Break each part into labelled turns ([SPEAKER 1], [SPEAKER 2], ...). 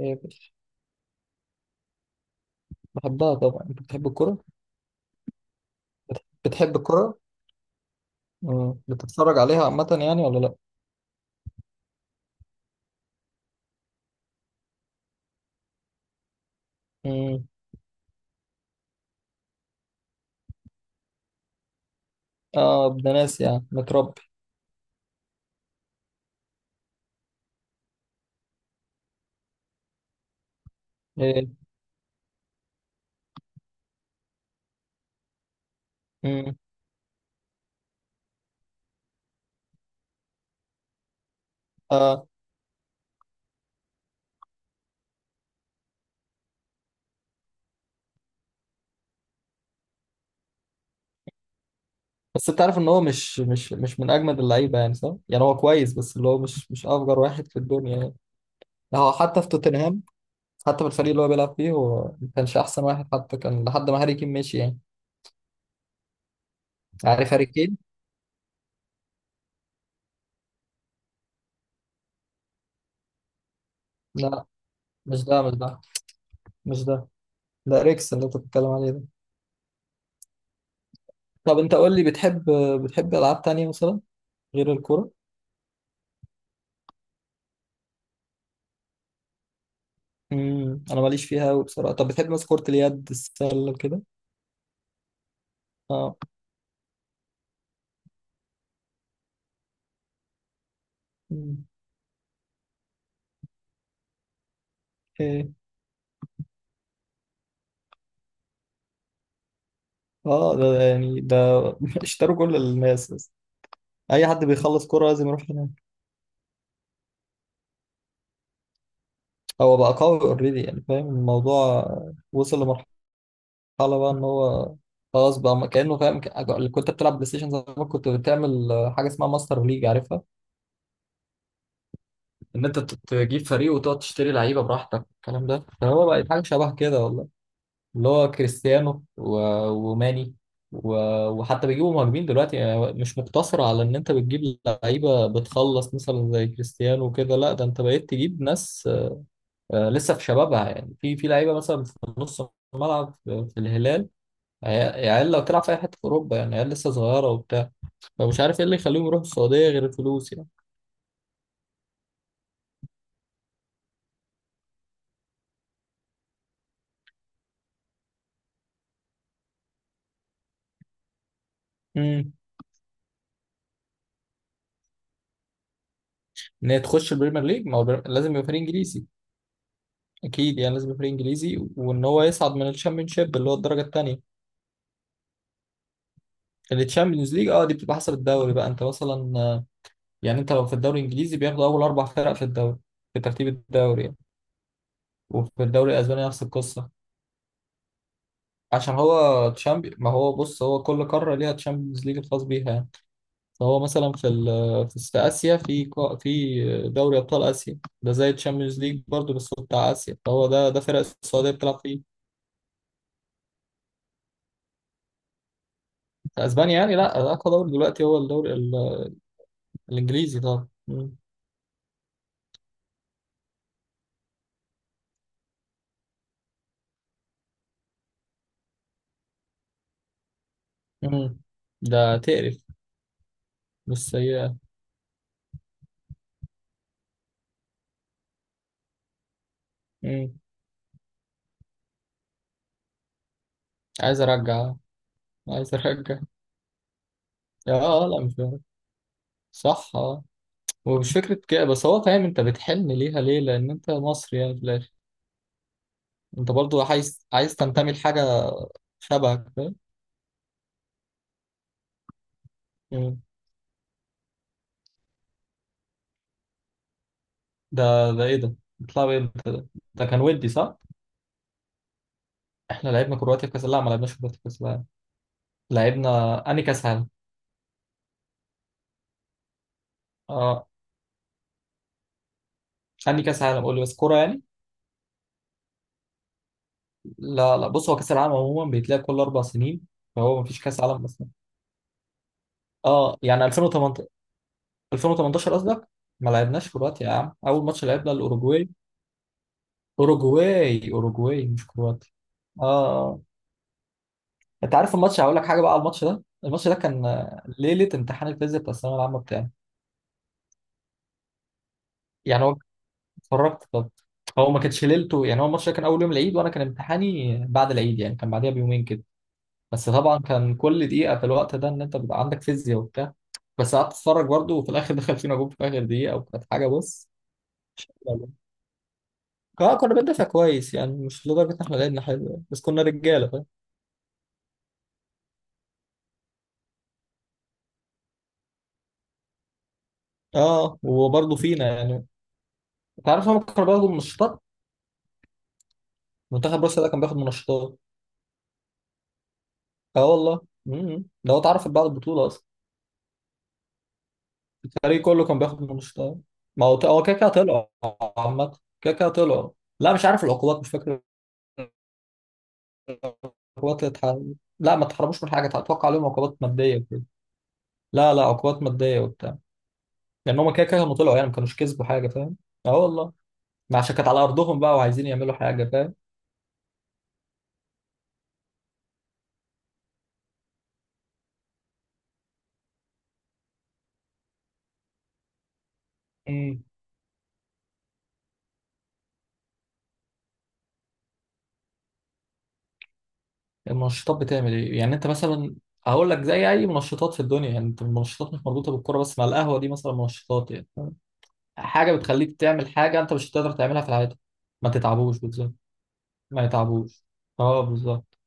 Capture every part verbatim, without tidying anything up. [SPEAKER 1] إيه، بحبها طبعا. انت بتحب الكرة بتحب الكرة؟ مم. بتتفرج عليها عامة يعني ولا لا؟ مم. اه، ابن ناس يعني متربي. إيه. مم. اه، بس انت عارف ان هو مش مش مش من اجمد اللعيبة، يعني صح، يعني هو كويس، بس اللي هو مش مش افجر واحد في الدنيا يعني. هو حتى في توتنهام، حتى في الفريق اللي هو بيلعب فيه هو ما كانش احسن واحد حتى، كان لحد ما هاري كين مشي يعني. عارف هاري كين؟ لا، مش ده، مش ده مش ده ده اريكس اللي انت بتتكلم عليه ده. طب انت قول لي، بتحب بتحب العاب تانية مثلا غير الكورة؟ امم انا ماليش فيها قوي بصراحه. طب بتحب مثلا كره اليد، السله وكده؟ اه. مم. ايه، اه، ده ده يعني ده اشتروا كل الناس بس. اي حد بيخلص كره لازم يروح هناك. هو بقى قوي اوريدي يعني، فاهم الموضوع. وصل لمرحله بقى ان هو خلاص بقى ما- كانه فاهم ك- اللي كنت بتلعب بلاي ستيشن زمان كنت بتعمل حاجه اسمها ماستر ليج، عارفها؟ ان انت ت- تجيب فريق وتقعد تشتري لعيبه براحتك، الكلام ده. فهو بقى حاجه شبه كده والله. اللي هو كريستيانو و- وماني، و- وحتى بيجيبوا مهاجمين دلوقتي، يعني مش مقتصر على ان انت بتجيب لعيبه بتخلص مثلا زي كريستيانو وكده، لا ده انت بقيت تجيب ناس آه، لسه في شبابها، يعني في في لعيبه مثلا في نص الملعب، في في الهلال، عيال، عيال لو تلعب في اي حته في اوروبا يعني، عيال لسه صغيره وبتاع. فمش عارف ايه اللي يخليهم يروحوا السعوديه غير الفلوس يعني. امم ان هي تخش البريمير ليج، ما هو البر- لازم يبقى فريق انجليزي، اكيد يعني، لازم يبقى فريق انجليزي وان هو يصعد من الشامبيونشيب اللي هو الدرجه الثانيه. التشامبيونز ليج اه دي بتبقى حسب الدوري بقى، انت مثلا آه، يعني انت لو في الدوري الانجليزي بياخدوا اول اربع فرق في الدوري، في ترتيب الدوري يعني. وفي الدوري الاسباني نفس القصه. عشان هو تشامبي، ما هو بص، هو كل قاره ليها تشامبيونز ليج الخاص بيها يعني. فهو مثلا في ال... في س- اسيا، في كو- في دوري ابطال اسيا ده زي التشامبيونز ليج برضه، بس هو بتاع اسيا، فهو ده ده فرق السعوديه بتلعب فيه. في اسبانيا يعني، لا اقوى دوري دلوقتي هو الدوري ال... الانجليزي طبعا. مم. مم. ده تقرف. بس هي عايز ارجع، عايز ارجع يا اه لا مش عارف. صح اه. ومش فكرة كده بس، هو فاهم، انت بتحن ليها ليه؟ لان انت مصري يعني في الاخر، انت برضو عايز عايز تنتمي لحاجة شبهك فاهم. مم. ده ده ايه ده؟ بتلعب ايه انت ده؟ ده كان ودي صح؟ احنا لعبنا كرواتيا في كاس، لا ما لعبناش كرواتيا في كاس العالم، لعبنا. انهي كاس عالم؟ اه، انهي كاس عالم قول لي بس، كورة يعني؟ لا لا، بص، هو كاس العالم عموما بيتلعب كل اربع سنين، فهو ما فيش كاس عالم اصلا. اه يعني ألفين وتمنتاشر، ألفين وتمنتاشر قصدك. ما لعبناش كرواتيا يا عم، اول ماتش لعبنا الاوروجواي. اوروجواي اوروجواي مش كرواتيا. اه آه. انت عارف الماتش؟ هقول لك حاجه بقى على الماتش ده، الماتش ده كان آه، ليله امتحان الفيزياء بتاع الثانويه العامه بتاعي. يعني هو اتفرجت طب. هو ما كانش ليلته، يعني هو الماتش ده كان اول يوم العيد، وانا كان امتحاني بعد العيد يعني، كان بعديها بيومين كده. بس طبعا كان كل دقيقه في الوقت ده ان انت بيبقى عندك فيزياء وبتاع، بس قعدت اتفرج برضه، وفي الاخر دخل فينا جول في اخر دقيقه، وكانت حاجه بص. اه كنا بندافع كويس يعني، مش لدرجة ان احنا لعبنا حلو يعني. بس كنا رجالة فاهم. اه وبرضه فينا يعني. انت عارف هم كانوا بياخدوا منشطات؟ منتخب روسيا ده كان بياخد منشطات. اه والله. امم ده هو اتعرف بعد البطولة اصلا. الفريق كله كان بياخد منشطات. ما هو ط- هو كده كده طلعوا، عامة كده كده طلعوا. لا مش عارف العقوبات، مش فاكر. العقوبات اللي اتحرمت، لا ما اتحرموش من حاجة، اتوقع عليهم عقوبات مادية وكده. لا لا، عقوبات مادية وبتاع، لان هم كده كده كانوا طلعوا يعني، ما كانوش كسبوا حاجة، فاهم. اه والله. ما عشان كانت على ارضهم بقى وعايزين يعملوا حاجه، فاهم. امم المنشطات بتعمل ايه؟ يعني انت مثلا هقول لك زي اي منشطات في الدنيا يعني، انت المنشطات مش مربوطه بالكوره بس، مع القهوه دي مثلا منشطات يعني فاهم؟ حاجه بتخليك تعمل حاجه انت مش هتقدر تعملها في حياتك. ما تتعبوش بالظبط. ما يتعبوش. اه بالظبط.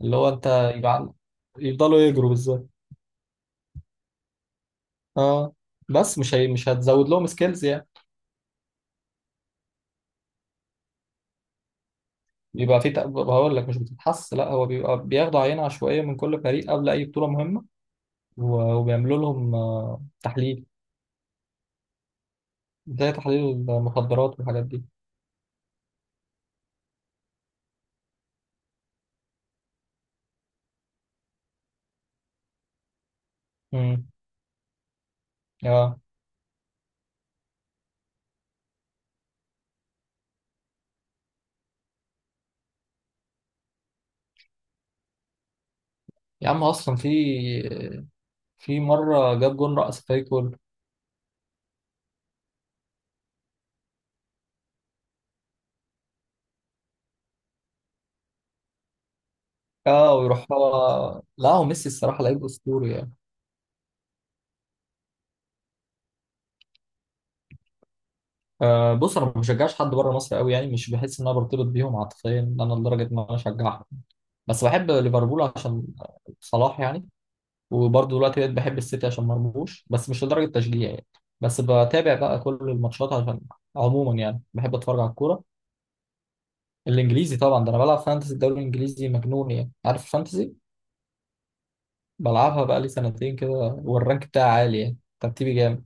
[SPEAKER 1] اللي هو انت يبقى عن- يفضلوا يجروا بالظبط. اه بس مش هي... مش هتزود لهم سكيلز يعني. بيبقى في تق- هقول لك مش بتتحس، لا هو بيبقى بياخدوا عينه عشوائيه من كل فريق قبل اي بطوله مهمه، و- وبيعملوا لهم آه، تحليل زي تحليل المخدرات والحاجات دي. امم اه يا عم، اصلا في في مره جاب جون، رقص الفريق كله. اه ويروح هو، لا هو ميسي الصراحه لعيب اسطوري يعني. آه بص، انا ما بشجعش حد بره مصر قوي يعني، مش بحس ان انا برتبط بيهم عاطفيا ان انا لدرجه ان انا اشجعهم. بس بحب ليفربول عشان صلاح يعني. وبرضه دلوقتي بقيت بحب السيتي عشان مرموش، بس مش لدرجه تشجيع يعني. بس بتابع بقى كل الماتشات عشان عموما يعني بحب اتفرج على الكوره. الانجليزي طبعا، ده انا بلعب فانتسي الدوري الانجليزي مجنون يعني. عارف الفانتسي؟ بلعبها بقالي سنتين كده، والرانك بتاعي عالي يعني، ترتيبي جامد.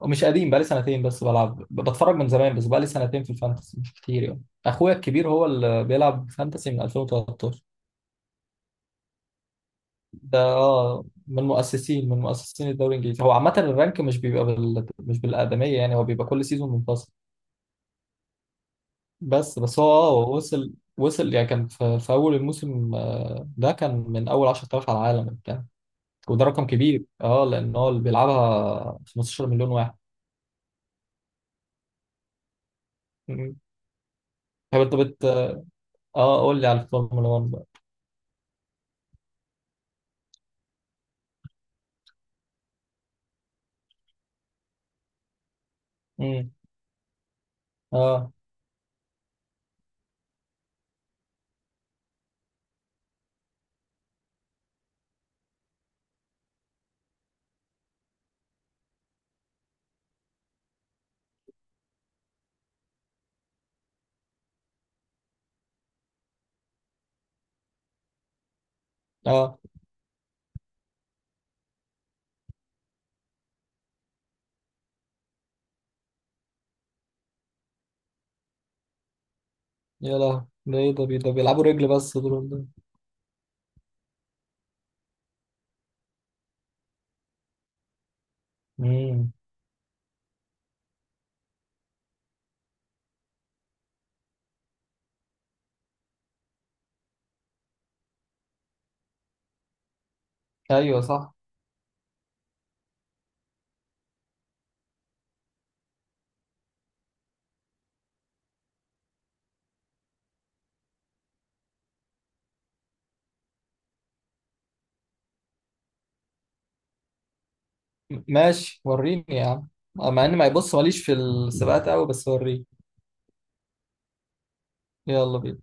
[SPEAKER 1] ومش قديم، بقالي سنتين بس بلعب، ب- بتفرج من زمان، بس بقالي سنتين في الفانتسي مش كتير يعني. اخويا الكبير هو اللي بيلعب فانتسي من ألفين وتلتاشر. ده اه من مؤسسين، من مؤسسين الدوري الانجليزي. هو عامه الرانك مش بيبقى بال... مش بالادميه يعني، هو بيبقى كل سيزون منفصل. بس بس هو اه وصل، وصل يعني، كان في، في اول الموسم آه، ده كان من اول عشرة آلاف على العالم. وده رقم كبير اه، لان هو اللي بيلعبها خمستاشر مليون واحد. مم. طب انت بت اه، قول لي على الفورمولا واحد بقى. مم. اه اه. يا لهوي ده ايه ده؟ بي- ده بيلعبوا رجل بس دول ده. مم. ايوه صح. م- ماشي وريني يا عم. آه، مع اني ما يبص ماليش في السباقات قوي بس وريني. يلا بينا